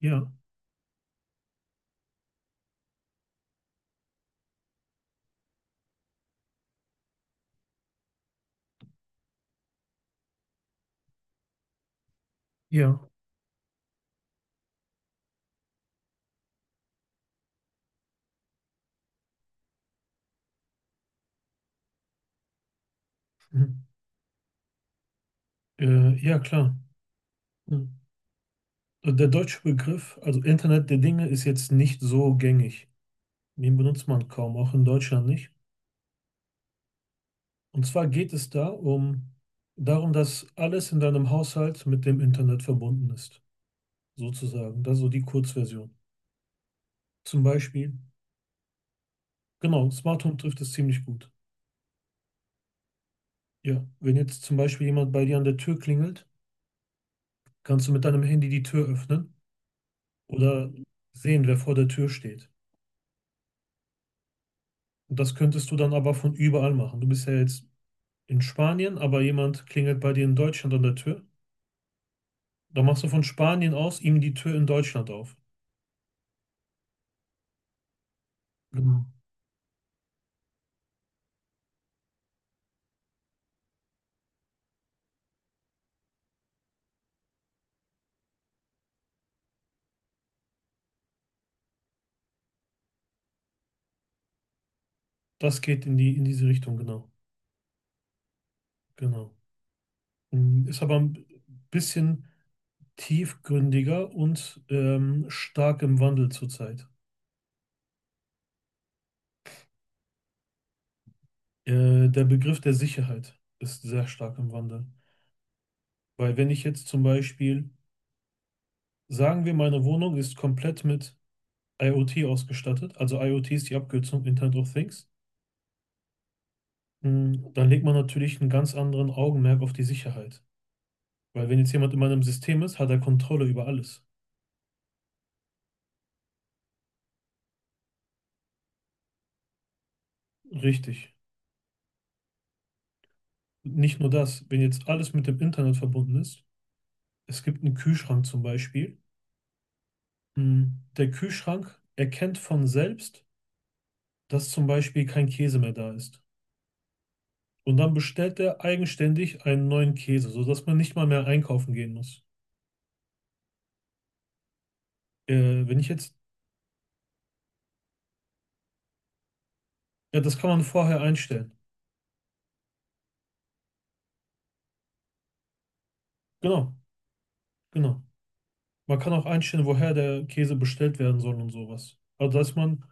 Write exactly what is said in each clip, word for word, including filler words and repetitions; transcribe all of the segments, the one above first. Ja, ja. Mhm. Äh, ja, klar. Mhm. Der deutsche Begriff, also Internet der Dinge, ist jetzt nicht so gängig. Den benutzt man kaum, auch in Deutschland nicht. Und zwar geht es da um darum, dass alles in deinem Haushalt mit dem Internet verbunden ist, sozusagen. Das ist so die Kurzversion. Zum Beispiel, genau, Smart Home trifft es ziemlich gut. Ja, wenn jetzt zum Beispiel jemand bei dir an der Tür klingelt, kannst du mit deinem Handy die Tür öffnen oder sehen, wer vor der Tür steht. Und das könntest du dann aber von überall machen. Du bist ja jetzt in Spanien, aber jemand klingelt bei dir in Deutschland an der Tür. Dann machst du von Spanien aus ihm die Tür in Deutschland auf. Genau. Das geht in die, in diese Richtung, genau. Genau. Mm, Ist aber ein bisschen tiefgründiger und ähm, stark im Wandel zurzeit. Äh, der Begriff der Sicherheit ist sehr stark im Wandel. Weil wenn ich jetzt zum Beispiel, sagen wir, meine Wohnung ist komplett mit IoT ausgestattet, also IoT ist die Abkürzung Internet of Things. Mm, Dann legt man natürlich einen ganz anderen Augenmerk auf die Sicherheit. Weil wenn jetzt jemand in meinem System ist, hat er Kontrolle über alles. Richtig. Nicht nur das, wenn jetzt alles mit dem Internet verbunden ist, es gibt einen Kühlschrank zum Beispiel. mm, Der Kühlschrank erkennt von selbst, dass zum Beispiel kein Käse mehr da ist. Und dann bestellt er eigenständig einen neuen Käse, sodass man nicht mal mehr einkaufen gehen muss. Äh, wenn ich jetzt, Ja, das kann man vorher einstellen. Genau, genau. Man kann auch einstellen, woher der Käse bestellt werden soll und sowas. Also dass man,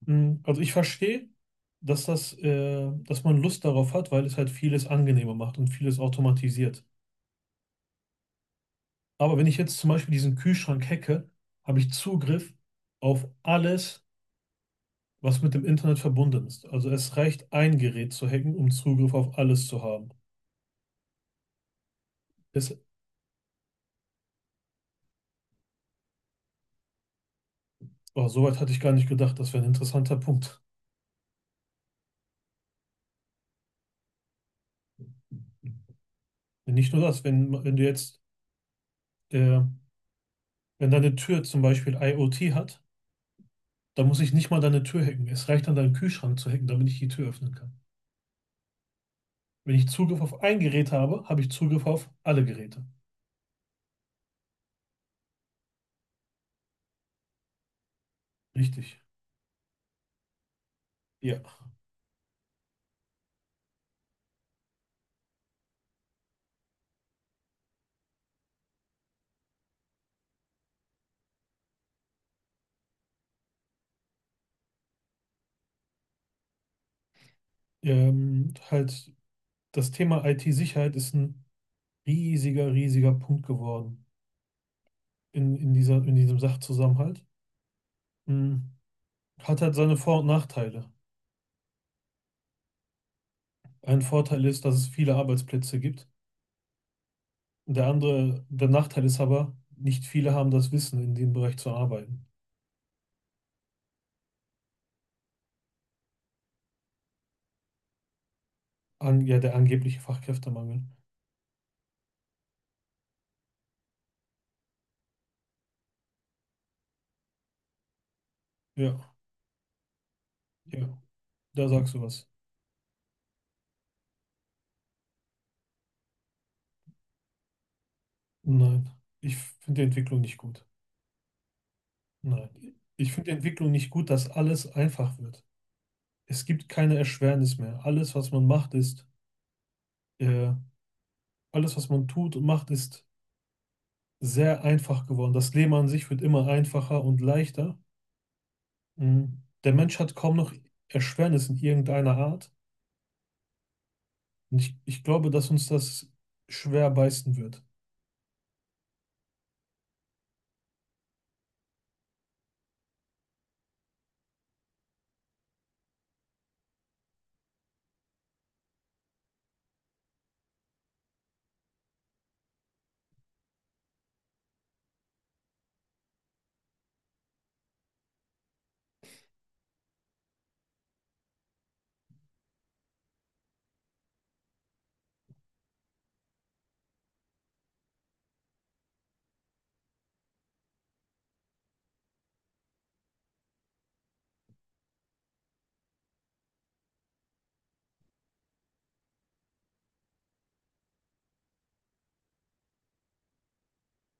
mh, also ich verstehe, dass das, äh, dass man Lust darauf hat, weil es halt vieles angenehmer macht und vieles automatisiert. Aber wenn ich jetzt zum Beispiel diesen Kühlschrank hacke, habe ich Zugriff auf alles, was mit dem Internet verbunden ist. Also es reicht ein Gerät zu hacken, um Zugriff auf alles zu haben. Das, oh, soweit hatte ich gar nicht gedacht. Das wäre ein interessanter Punkt. Nicht nur das, wenn, wenn du jetzt, äh, wenn deine Tür zum Beispiel IoT hat, da muss ich nicht mal deine Tür hacken. Es reicht dann, deinen Kühlschrank zu hacken, damit ich die Tür öffnen kann. Wenn ich Zugriff auf ein Gerät habe, habe ich Zugriff auf alle Geräte. Richtig. Ja. Ähm, halt, Das Thema I T-Sicherheit ist ein riesiger, riesiger Punkt geworden in, in dieser, in diesem Sachzusammenhalt. Hm. Hat halt seine Vor- und Nachteile. Ein Vorteil ist, dass es viele Arbeitsplätze gibt. Der andere, der Nachteil ist aber, nicht viele haben das Wissen, in dem Bereich zu arbeiten. An, ja, der angebliche Fachkräftemangel. Ja. Ja. Da sagst du was. Nein, ich finde die Entwicklung nicht gut. Nein, ich finde die Entwicklung nicht gut, dass alles einfach wird. Es gibt keine Erschwernis mehr. Alles, was man macht, ist, äh, Alles, was man tut und macht, ist sehr einfach geworden. Das Leben an sich wird immer einfacher und leichter. Mhm. Der Mensch hat kaum noch Erschwernis in irgendeiner Art. Und ich, ich glaube, dass uns das schwer beißen wird.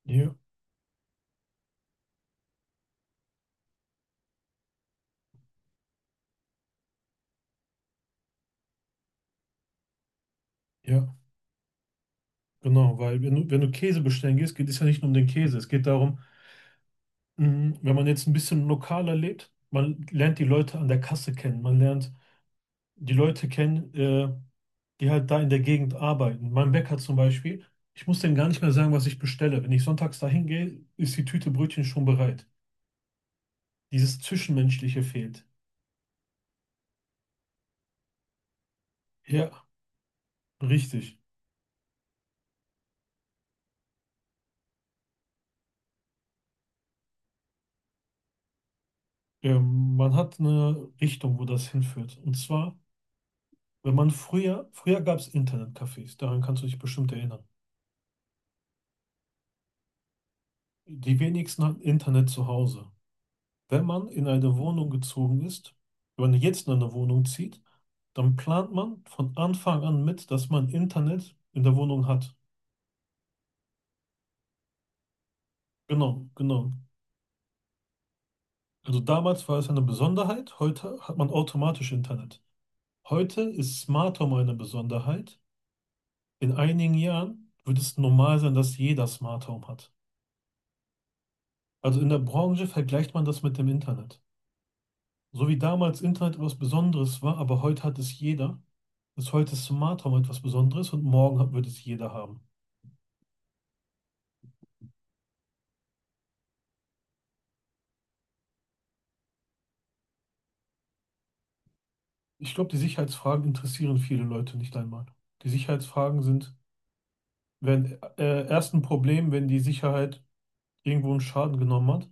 Ja, ja, genau. Weil wenn du, wenn du Käse bestellen gehst, geht es ja nicht nur um den Käse. Es geht darum, Mm, wenn man jetzt ein bisschen lokaler lebt, man lernt die Leute an der Kasse kennen. Man lernt die Leute kennen, äh, die halt da in der Gegend arbeiten. Mein Bäcker zum Beispiel, ich muss dem gar nicht mehr sagen, was ich bestelle. Wenn ich sonntags dahin gehe, ist die Tüte Brötchen schon bereit. Dieses Zwischenmenschliche fehlt. Ja, richtig. Ähm, man hat eine Richtung, wo das hinführt. Und zwar, wenn man früher, früher gab es Internetcafés, daran kannst du dich bestimmt erinnern. Die wenigsten hatten Internet zu Hause. Wenn man in eine Wohnung gezogen ist, Wenn man jetzt in eine Wohnung zieht, dann plant man von Anfang an mit, dass man Internet in der Wohnung hat. Genau, genau. Also damals war es eine Besonderheit, heute hat man automatisch Internet. Heute ist Smart Home eine Besonderheit. In einigen Jahren wird es normal sein, dass jeder Smart Home hat. Also in der Branche vergleicht man das mit dem Internet. So wie damals Internet etwas Besonderes war, aber heute hat es jeder, ist heute Smart Home etwas Besonderes und morgen hat- wird es jeder haben. Ich glaube, die Sicherheitsfragen interessieren viele Leute nicht einmal. Die Sicherheitsfragen sind, wenn äh, erst ein Problem, wenn die Sicherheit irgendwo einen Schaden genommen hat.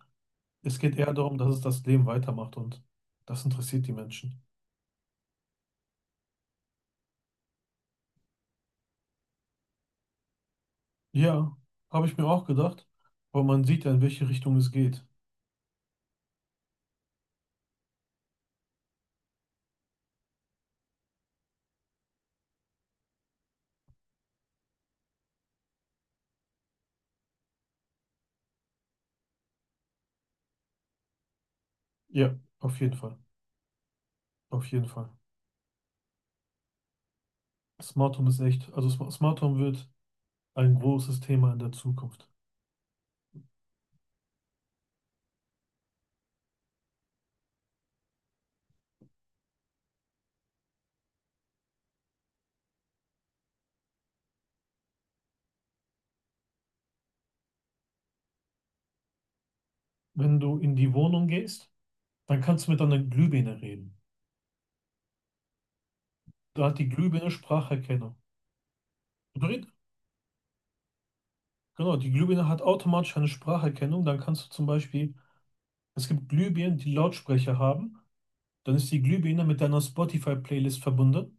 Es geht eher darum, dass es das Leben weitermacht und das interessiert die Menschen. Ja, habe ich mir auch gedacht, aber man sieht ja, in welche Richtung es geht. Ja, auf jeden Fall. Auf jeden Fall. Smart Home ist echt, also Sm- Smart Home wird ein großes Thema in der Zukunft. Wenn du in die Wohnung gehst, dann kannst du mit deiner Glühbirne reden. Da hat die Glühbirne Spracherkennung. Du, red, Genau, die Glühbirne hat automatisch eine Spracherkennung. Dann kannst du zum Beispiel, Es gibt Glühbirnen, die Lautsprecher haben. Dann ist die Glühbirne mit deiner Spotify-Playlist verbunden.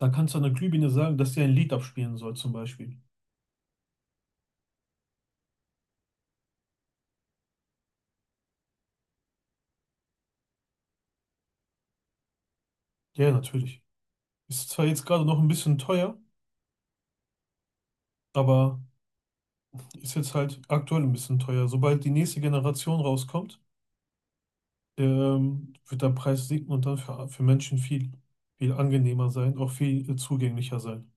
Dann kannst du einer Glühbirne sagen, dass sie ein Lied abspielen soll, zum Beispiel. Ja, natürlich. Ist zwar jetzt gerade noch ein bisschen teuer, aber Ist jetzt halt aktuell ein bisschen teuer. Sobald die nächste Generation rauskommt, ähm, wird der Preis sinken und dann für, für Menschen viel, viel angenehmer sein, auch viel äh, zugänglicher sein.